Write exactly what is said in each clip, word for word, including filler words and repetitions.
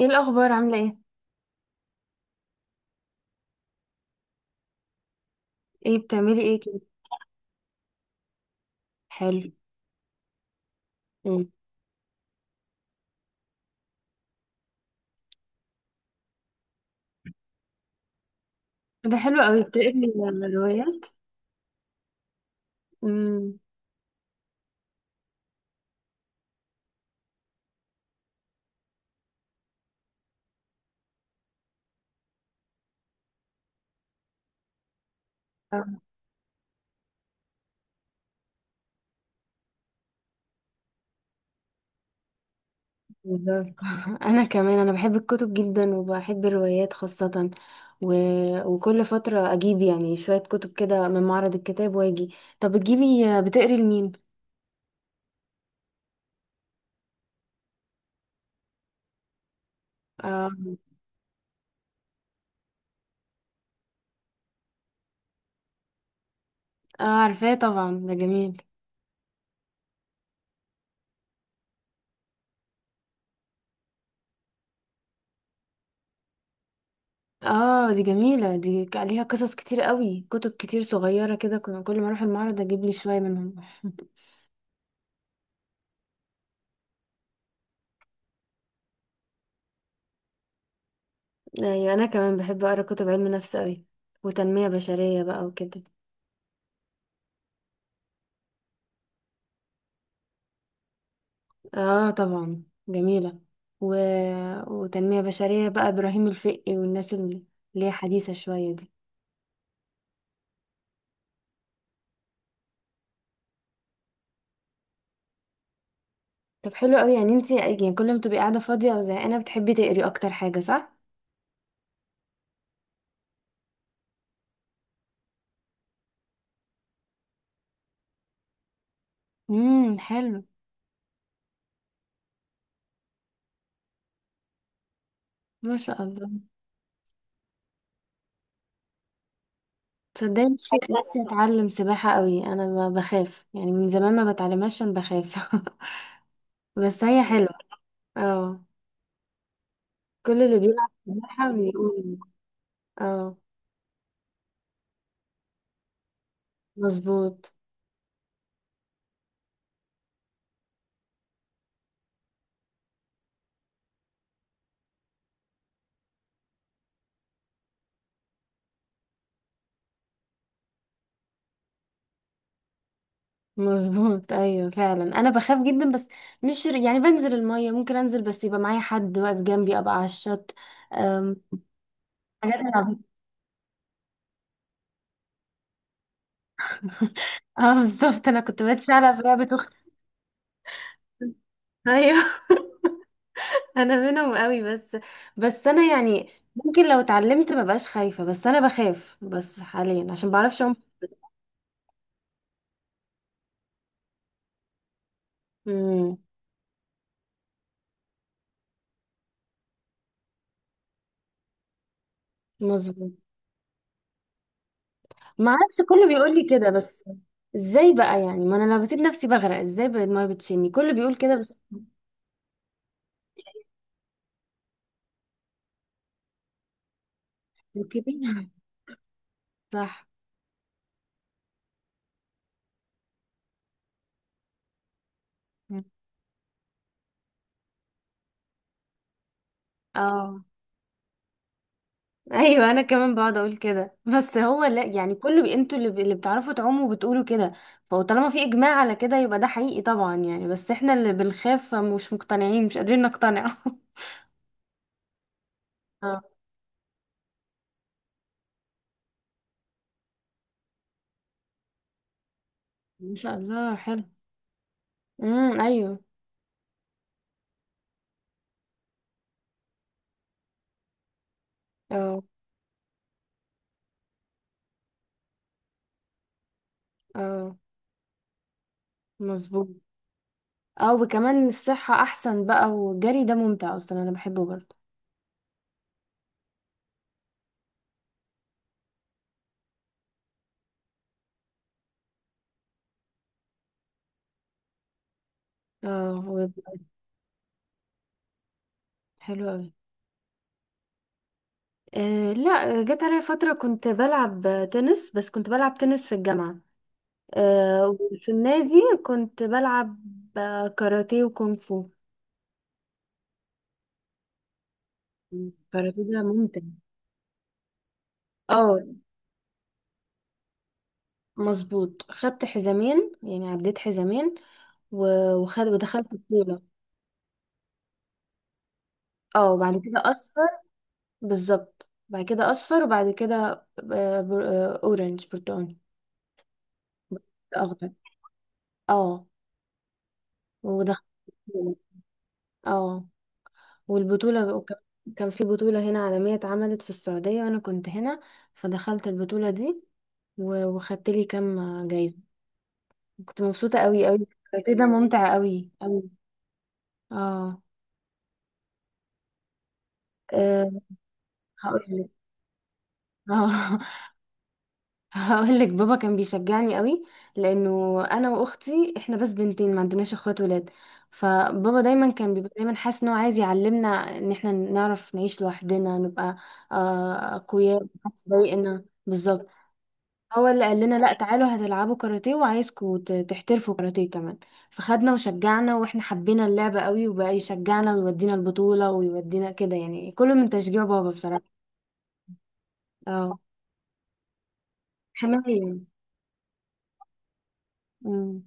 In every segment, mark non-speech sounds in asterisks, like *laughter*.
ايه الاخبار؟ عامله ايه؟ ايه بتعملي ايه كده؟ حلو. مم. ده حلو قوي، بتقري روايات؟ مم. آه، بالظبط. *laughs* انا كمان انا بحب الكتب جدا، وبحب الروايات خاصه و... وكل فتره اجيب يعني شويه كتب كده من معرض الكتاب، واجي. طب بتجيبي، بتقري لمين؟ اه اه عارفاه طبعا، ده جميل. اه دي جميله، دي عليها قصص كتير قوي، كتب كتير صغيره كده، كل ما اروح المعرض اجيب لي شويه منهم. ايوه انا كمان بحب اقرا كتب علم نفس قوي، وتنميه بشريه بقى وكده. اه طبعا، جميله، و... وتنميه بشريه بقى ابراهيم الفقي والناس اللي اللي هي حديثه شويه دي. طب حلو قوي، يعني انت يعني كل ما تبقي قاعده فاضيه او زهقانه بتحبي تقري، اكتر حاجه، صح؟ امم، حلو. ما شاء الله. تصدقي نفسي نفسي اتعلم سباحه قوي، انا ب- بخاف يعني من زمان، ما بتعلمهاش عشان بخاف. *laughs* بس هي حلوه. اه، كل اللي بيلعب سباحه بيقول. اه، مظبوط. مظبوط، ايوه فعلا انا بخاف جدا، بس مش ر- يعني بنزل الميه، ممكن انزل بس يبقى معايا حد واقف جنبي، ابقى على الشط. أم، حاجات العبيطه. *laughs* اه بالظبط، انا كنت بتشعلق في لعبه اختي. ايوه. *laughs* انا منهم قوي. بس بس انا يعني ممكن لو اتعلمت ما بقاش خايفه، بس انا بخاف بس حاليا عشان بعرفش اعوم. امم. مظبوط. ما اعرفش، كله بيقول لي كده بس. ازاي بقى يعني، ما انا لو بسيب نفسي بغرق، ازاي بقى الميه بتشيلني؟ كله بيقول كده بس. كده. صح. اه ايوه، انا كمان بقعد اقول كده، بس هو لا يعني، كله بي- انتوا اللي, اللي بتعرفوا تعوموا وبتقولوا كده، فطالما في اجماع على كده يبقى ده حقيقي طبعا يعني، بس احنا اللي بنخاف مش مقتنعين، مش قادرين نقتنع. *laughs* اه. ما شاء الله، حلو. *laughs* امم، ايوه. اه. اه. مظبوط. اه وكمان الصحة احسن بقى، والجري ده ممتع اصلا، انا بحبه برضه. اه و- حلو قوي. آه لا، جت عليا فترة كنت بلعب تنس، بس كنت بلعب تنس في الجامعة. آه، وفي النادي كنت بلعب آه، كاراتيه وكونغ فو. الكاراتيه ده ممتع. اه مظبوط، خدت حزامين يعني، عديت حزامين و- وخد ودخلت بطولة. اه وبعد كده اصفر. بالظبط، بعد كده اصفر، وبعد كده آه، بر- آه، اورنج، برتقاني، اخضر. اه، ودخلت بطولة. اه، والبطولة وك- كان في بطولة هنا عالمية اتعملت في السعودية، وانا كنت هنا، فدخلت البطولة دي، و- وخدت لي كام جايزة. كنت مبسوطة قوي قوي. الكاراتيه ده ممتع قوي قوي. اه. آه، هقولك. اه. *laughs* هقولك، بابا كان بيشجعني قوي، لانه انا واختي احنا بس بنتين، ما عندناش اخوات ولاد، فبابا دايما كان بيبقى دايما حاسس ان هو عايز يعلمنا ان احنا نعرف نعيش لوحدنا، نبقى آه، اقوياء، محدش يضايقنا. بالظبط. هو اللي قال لنا لا تعالوا هتلعبوا كاراتيه، وعايزكوا ت- تحترفوا كاراتيه كمان، فخدنا وشجعنا، واحنا حبينا اللعبة قوي، وبقى يشجعنا ويودينا البطولة ويودينا كده، يعني كله من تشجيع بابا بصراحة. اه. حماية يعني. أمم،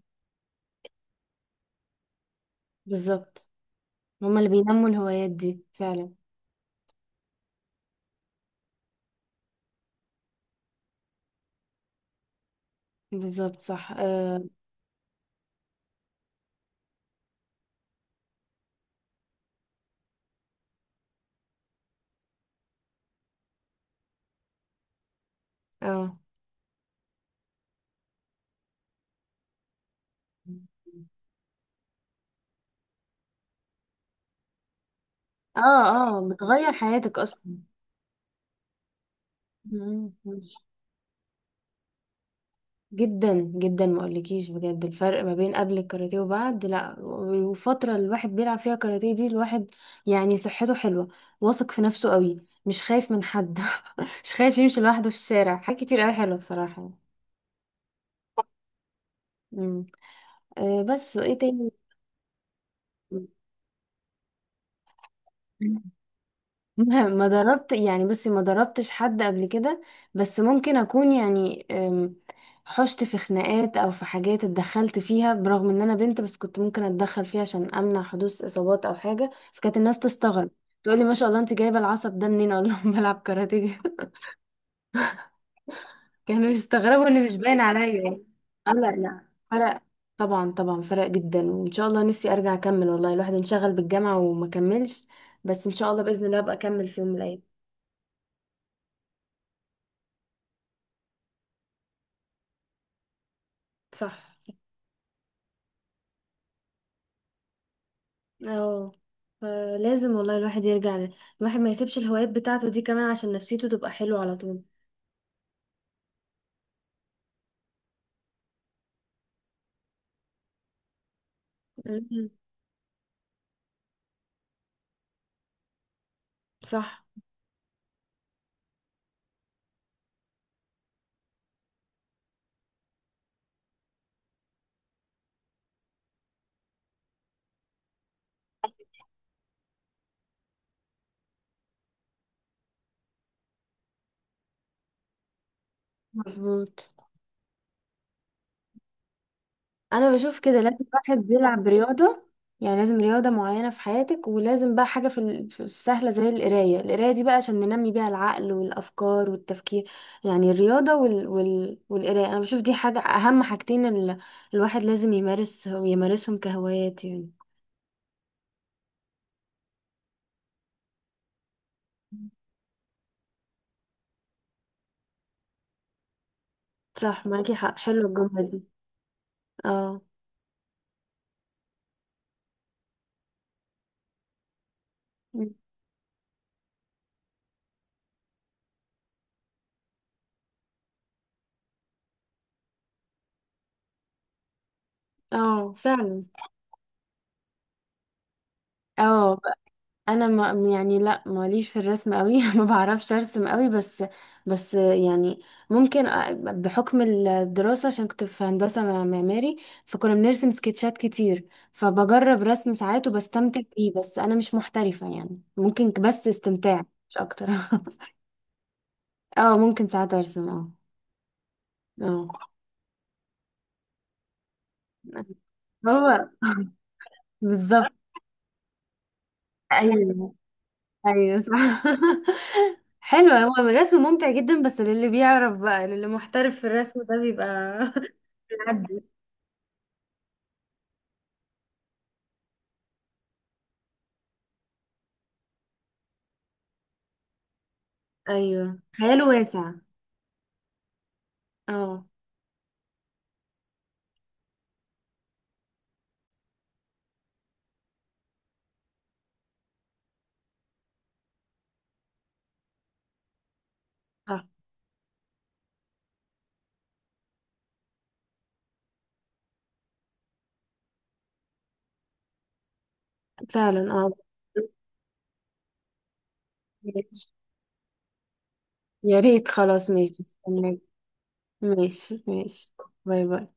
بالظبط. هما اللي بينموا الهوايات دي فعلا. بالظبط، صح. اه. اه. اه. اه بتغير حياتك اصلا. أمم. جدا جدا، ما اقولكيش بجد الفرق ما بين قبل الكاراتيه وبعد، لا والفتره اللي الواحد بيلعب فيها كاراتيه دي، الواحد يعني صحته حلوه، واثق في نفسه قوي، مش خايف من حد، *laughs* مش خايف يمشي لوحده في الشارع، حاجات كتير قوي حلوه بصراحه. امم. أه بس، وايه تاني؟ *laughs* *laughs* ما ما دربت يعني، بصي ما دربتش حد قبل كده، بس ممكن اكون يعني، أم، حشت في خناقات او في حاجات اتدخلت فيها، برغم ان انا بنت، بس كنت ممكن اتدخل فيها عشان امنع حدوث اصابات او حاجه، فكانت الناس تستغرب، تقولي ما شاء الله انت جايبه العصب ده منين، *laughs* اقول لهم بلعب كاراتيه. *laughs* كانوا يستغربوا ان مش باين عليا. اه لا، لا فرق، طبعا طبعا فرق جدا. وان شاء الله نفسي ارجع اكمل، والله الواحد انشغل بالجامعه وما كملش، بس ان شاء الله باذن الله ابقى اكمل في يوم من الايام. صح. اه. فلازم والله الواحد يرجع ل... الواحد ما يسيبش الهوايات بتاعته دي كمان، عشان نفسيته تبقى حلوة على طول. مم. صح. مظبوط. انا بشوف كده لازم الواحد بيلعب رياضه، يعني لازم رياضه معينه في حياتك، ولازم بقى حاجه في ال- في- في سهله زي القرايه، القرايه دي بقى عشان ننمي بيها العقل والافكار والتفكير، يعني الرياضه وال... وال... والقرايه، انا بشوف دي حاجه، اهم حاجتين ال... الواحد لازم يمارس يمارسهم كهوايات يعني. صح، معاكي حق، حلوه الجمله دي. اه. اه فعلا. اه ب- انا ما يعني لا، ماليش في الرسم قوي، *laughs* ما بعرفش ارسم قوي، بس بس يعني ممكن أ- بحكم الدراسة، عشان كنت في هندسة مع- معماري، فكنا بنرسم سكتشات كتير، فبجرب رسم ساعات وبستمتع بيه، بس انا مش محترفة يعني، ممكن بس استمتاع مش اكتر. *laughs* اه ممكن ساعات ارسم، اه. اه. هو بالظبط. ايوه، ايوه صح. *laughs* حلو، هو الرسم ممتع جدا، بس للي بيعرف بقى، للي محترف في الرسم ده بيبقى. *laughs* بيعدي. ايوه، خياله واسع. اه. اه فعلا، اه. ماشي. يا ريت، خلاص ماشي، استناك. ماشي ماشي. باي باي.